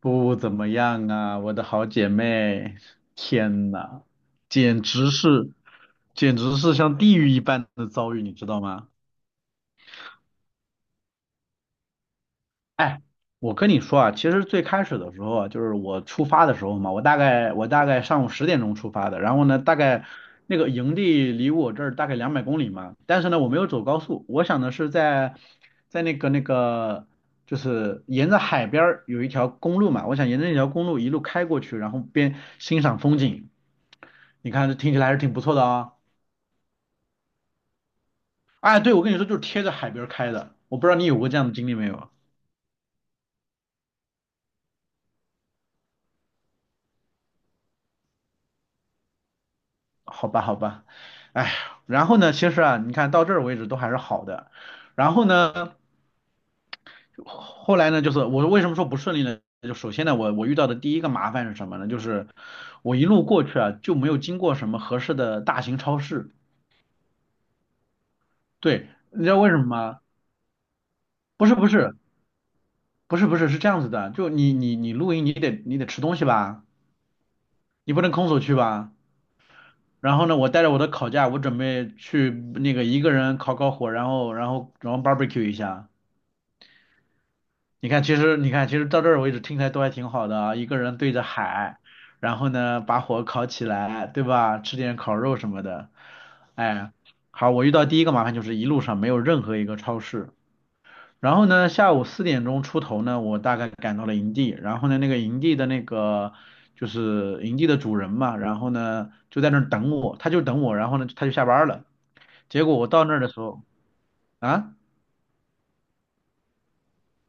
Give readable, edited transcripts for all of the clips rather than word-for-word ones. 不怎么样啊，我的好姐妹，天呐，简直是，简直是像地狱一般的遭遇，你知道吗？哎，我跟你说啊，其实最开始的时候啊，就是我出发的时候嘛，我大概上午10点钟出发的，然后呢，大概那个营地离我这儿大概200公里嘛，但是呢，我没有走高速，我想的是在在那个那个。就是沿着海边儿有一条公路嘛，我想沿着那条公路一路开过去，然后边欣赏风景。你看这听起来还是挺不错的啊。哎，对，我跟你说，就是贴着海边儿开的，我不知道你有过这样的经历没有？好吧，好吧。哎呀，然后呢，其实啊，你看到这儿为止都还是好的。然后呢，后来呢，就是我为什么说不顺利呢？就首先呢，我遇到的第一个麻烦是什么呢？就是我一路过去啊，就没有经过什么合适的大型超市。对，你知道为什么吗？不是不是不是不是，是这样子的，就你露营你得吃东西吧，你不能空手去吧。然后呢，我带着我的烤架，我准备去那个一个人烤烤火，然后 barbecue 一下。你看，其实你看，其实到这儿为止听起来都还挺好的啊，一个人对着海，然后呢把火烤起来，对吧？吃点烤肉什么的。哎，好，我遇到第一个麻烦就是一路上没有任何一个超市。然后呢，下午四点钟出头呢，我大概赶到了营地。然后呢，那个营地的那个就是营地的主人嘛，然后呢就在那儿等我，他就等我，然后呢他就下班了。结果我到那儿的时候啊，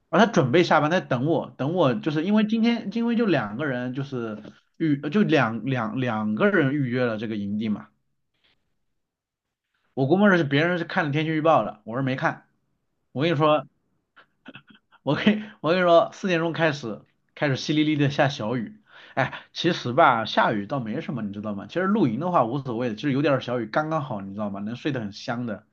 啊，他准备下班，他在等我，等我，就是因为今天因为就两个人就是预就两两两个人预约了这个营地嘛，我估摸着是别人是看了天气预报的，我是没看。我跟你说，我跟你说，四点钟开始淅沥沥的下小雨。哎，其实吧，下雨倒没什么，你知道吗？其实露营的话无所谓，其实有点儿小雨刚刚好，你知道吗？能睡得很香的。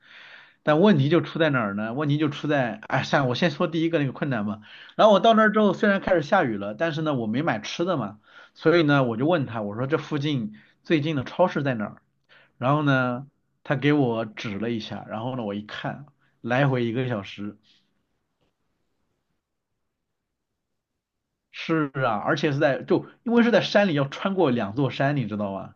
但问题就出在哪儿呢？问题就出在，哎，像我先说第一个那个困难吧。然后我到那儿之后，虽然开始下雨了，但是呢，我没买吃的嘛，所以呢，我就问他，我说这附近最近的超市在哪儿？然后呢，他给我指了一下，然后呢，我一看，来回一个小时。是啊，而且是在就因为是在山里，要穿过两座山，你知道吗？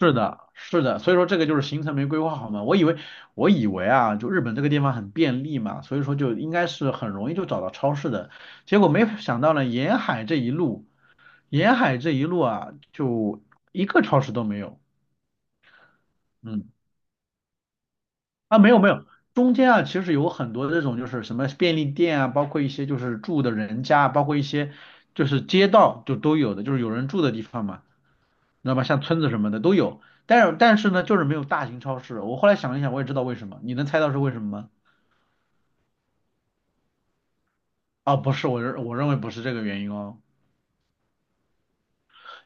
是的，是的，所以说这个就是行程没规划好嘛。我以为啊，就日本这个地方很便利嘛，所以说就应该是很容易就找到超市的。结果没想到呢，沿海这一路啊，就一个超市都没有。嗯，啊，没有没有，中间啊其实有很多这种就是什么便利店啊，包括一些就是住的人家，包括一些就是街道就都有的，就是有人住的地方嘛。知道吧？像村子什么的都有，但是呢，就是没有大型超市。我后来想了一想，我也知道为什么。你能猜到是为什么吗？啊，不是，我认为不是这个原因哦，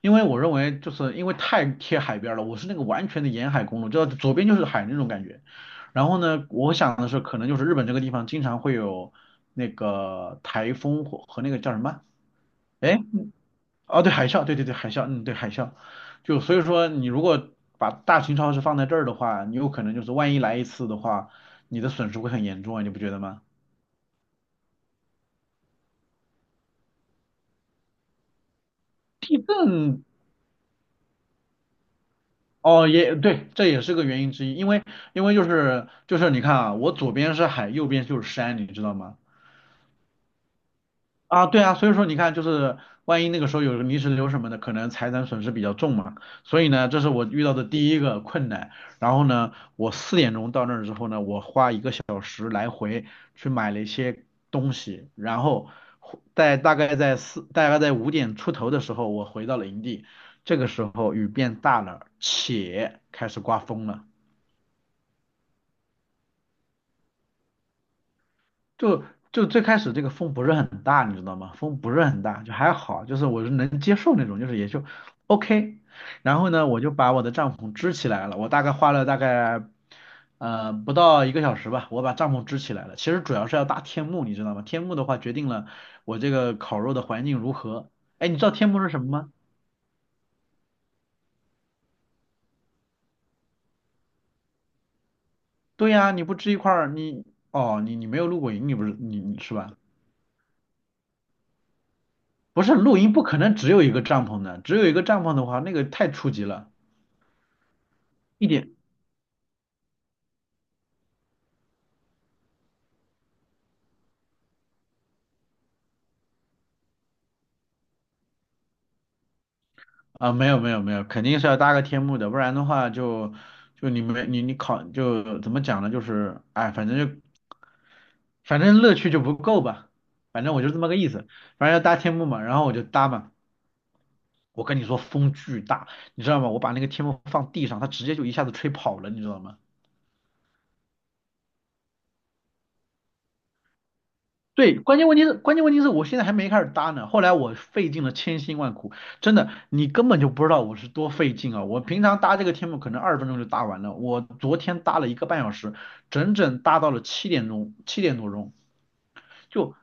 因为我认为就是因为太贴海边了，我是那个完全的沿海公路，就左边就是海那种感觉。然后呢，我想的是可能就是日本这个地方经常会有那个台风或和那个叫什么？哎，哦，对海啸，对对对海啸，对海啸，就所以说你如果把大型超市放在这儿的话，你有可能就是万一来一次的话，你的损失会很严重啊，你不觉得吗？嗯，哦，也对，这也是个原因之一，因为就是你看啊，我左边是海，右边就是山，你知道吗？啊，对啊，所以说你看，就是万一那个时候有个泥石流什么的，可能财产损失比较重嘛。所以呢，这是我遇到的第一个困难。然后呢，我四点钟到那儿之后呢，我花一个小时来回去买了一些东西，然后回在大概在5点出头的时候，我回到了营地。这个时候雨变大了，且开始刮风了。就最开始这个风不是很大，你知道吗？风不是很大，就还好，就是我是能接受那种，就是也就 OK。然后呢，我就把我的帐篷支起来了，我大概花了不到一个小时吧，我把帐篷支起来了。其实主要是要搭天幕，你知道吗？天幕的话决定了我这个烤肉的环境如何。哎，你知道天幕是什么吗？对呀，你不支一块儿，你哦，你你没有露过营，你是吧？不是露营不可能只有一个帐篷的，只有一个帐篷的话，那个太初级了。一点，啊，没有没有没有，肯定是要搭个天幕的，不然的话就就你没你你考就怎么讲呢？就是哎，反正乐趣就不够吧，反正我就这么个意思，反正要搭天幕嘛，然后我就搭嘛。我跟你说风巨大，你知道吗？我把那个天幕放地上，它直接就一下子吹跑了，你知道吗？对，关键问题是我现在还没开始搭呢。后来我费尽了千辛万苦，真的，你根本就不知道我是多费劲啊！我平常搭这个天幕可能20分钟就搭完了，我昨天搭了1个半小时，整整搭到了7点钟，7点多钟，就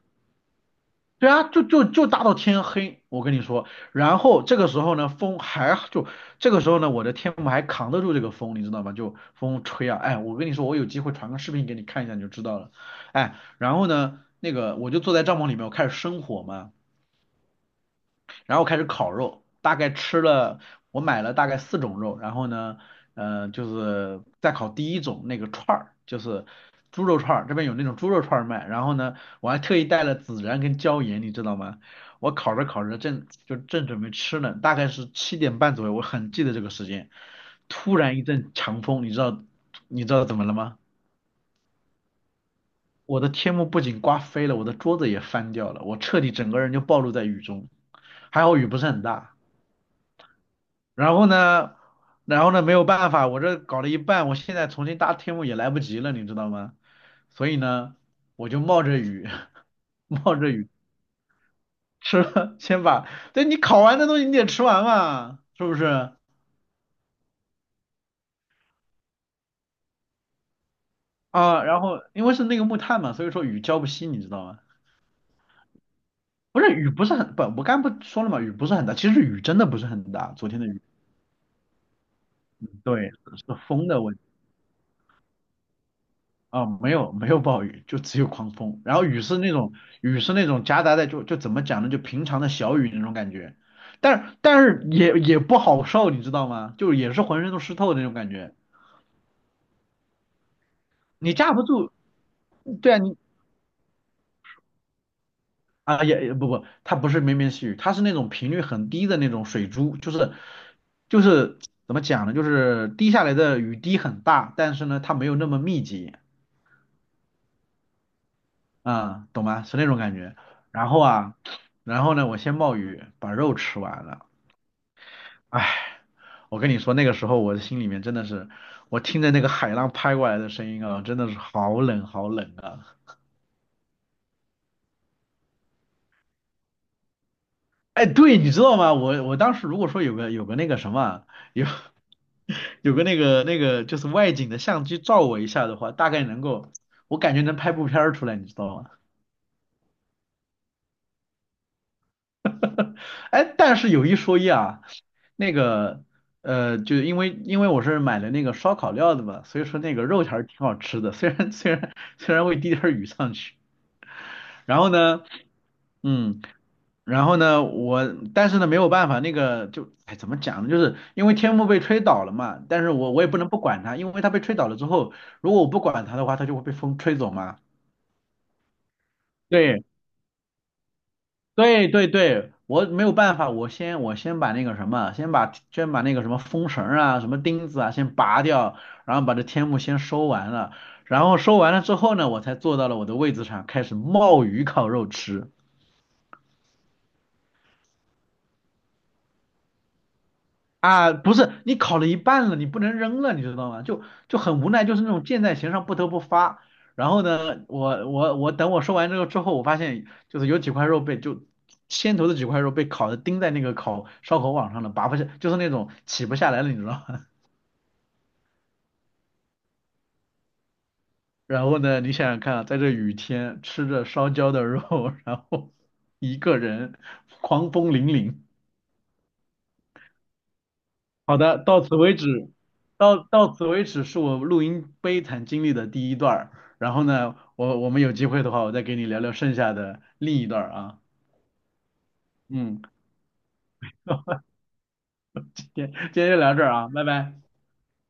对啊，就大到天黑，我跟你说。然后这个时候呢，风还就这个时候呢，我的天幕还扛得住这个风，你知道吗？就风吹啊，哎，我跟你说，我有机会传个视频给你看一下，你就知道了。哎，然后呢，那个我就坐在帐篷里面，我开始生火嘛。然后开始烤肉，大概吃了，我买了大概四种肉，然后呢，就是再烤第一种那个串儿，就是猪肉串儿，这边有那种猪肉串儿卖，然后呢，我还特意带了孜然跟椒盐，你知道吗？我烤着烤着正准备吃呢，大概是7点半左右，我很记得这个时间，突然一阵强风，你知道怎么了吗？我的天幕不仅刮飞了，我的桌子也翻掉了，我彻底整个人就暴露在雨中，还好雨不是很大。然后呢，然后呢，没有办法，我这搞了一半，我现在重新搭天幕也来不及了，你知道吗？所以呢，我就冒着雨，冒着雨吃了，对你烤完的东西你得吃完嘛，是不是？啊，然后因为是那个木炭嘛，所以说雨浇不熄，你知道吗？不是雨不是很不，我刚不说了嘛，雨不是很大，其实雨真的不是很大，昨天的雨，对，是风的问题。啊、没有没有暴雨，就只有狂风，然后雨是那种雨是那种夹杂在就怎么讲呢，就平常的小雨那种感觉，但是也不好受，你知道吗？就也是浑身都湿透的那种感觉，你架不住，对啊你啊也不，它不是绵绵细雨，它是那种频率很低的那种水珠，就是怎么讲呢，就是滴下来的雨滴很大，但是呢它没有那么密集。嗯，懂吗？是那种感觉。然后啊，然后呢，我先冒雨把肉吃完了。哎，我跟你说，那个时候我的心里面真的是，我听着那个海浪拍过来的声音啊，真的是好冷好冷啊。哎，对，你知道吗？我当时如果说有个那个什么，有 有个那个就是外景的相机照我一下的话，大概能够，我感觉能拍部片儿出来，你知道吗？哎，但是有一说一啊，那个就因为我是买了那个烧烤料的嘛，所以说那个肉还是挺好吃的，虽然会滴点儿雨上去。然后呢，嗯，然后呢，但是呢没有办法，那个就哎怎么讲呢，就是因为天幕被吹倒了嘛，但是我也不能不管它，因为它被吹倒了之后，如果我不管它的话，它就会被风吹走嘛。对，对对对，我没有办法，我先把那个什么，先把那个什么风绳儿啊、什么钉子啊先拔掉，然后把这天幕先收完了，然后收完了之后呢，我才坐到了我的位置上，开始冒雨烤肉吃。啊，不是，你烤了一半了，你不能扔了，你知道吗？就很无奈，就是那种箭在弦上不得不发。然后呢，我等我说完这个之后，我发现就是有几块肉被就先头的几块肉被烤的钉在那个烤烧烤网上了，拔不下，就是那种起不下来了，你知道吗？然后呢，你想想看啊，在这雨天吃着烧焦的肉，然后一个人狂风凛凛。好的，到此为止，到此为止是我录音悲惨经历的第一段儿。然后呢，我们有机会的话，我再给你聊聊剩下的另一段儿啊。嗯，今天就聊这儿啊，拜拜。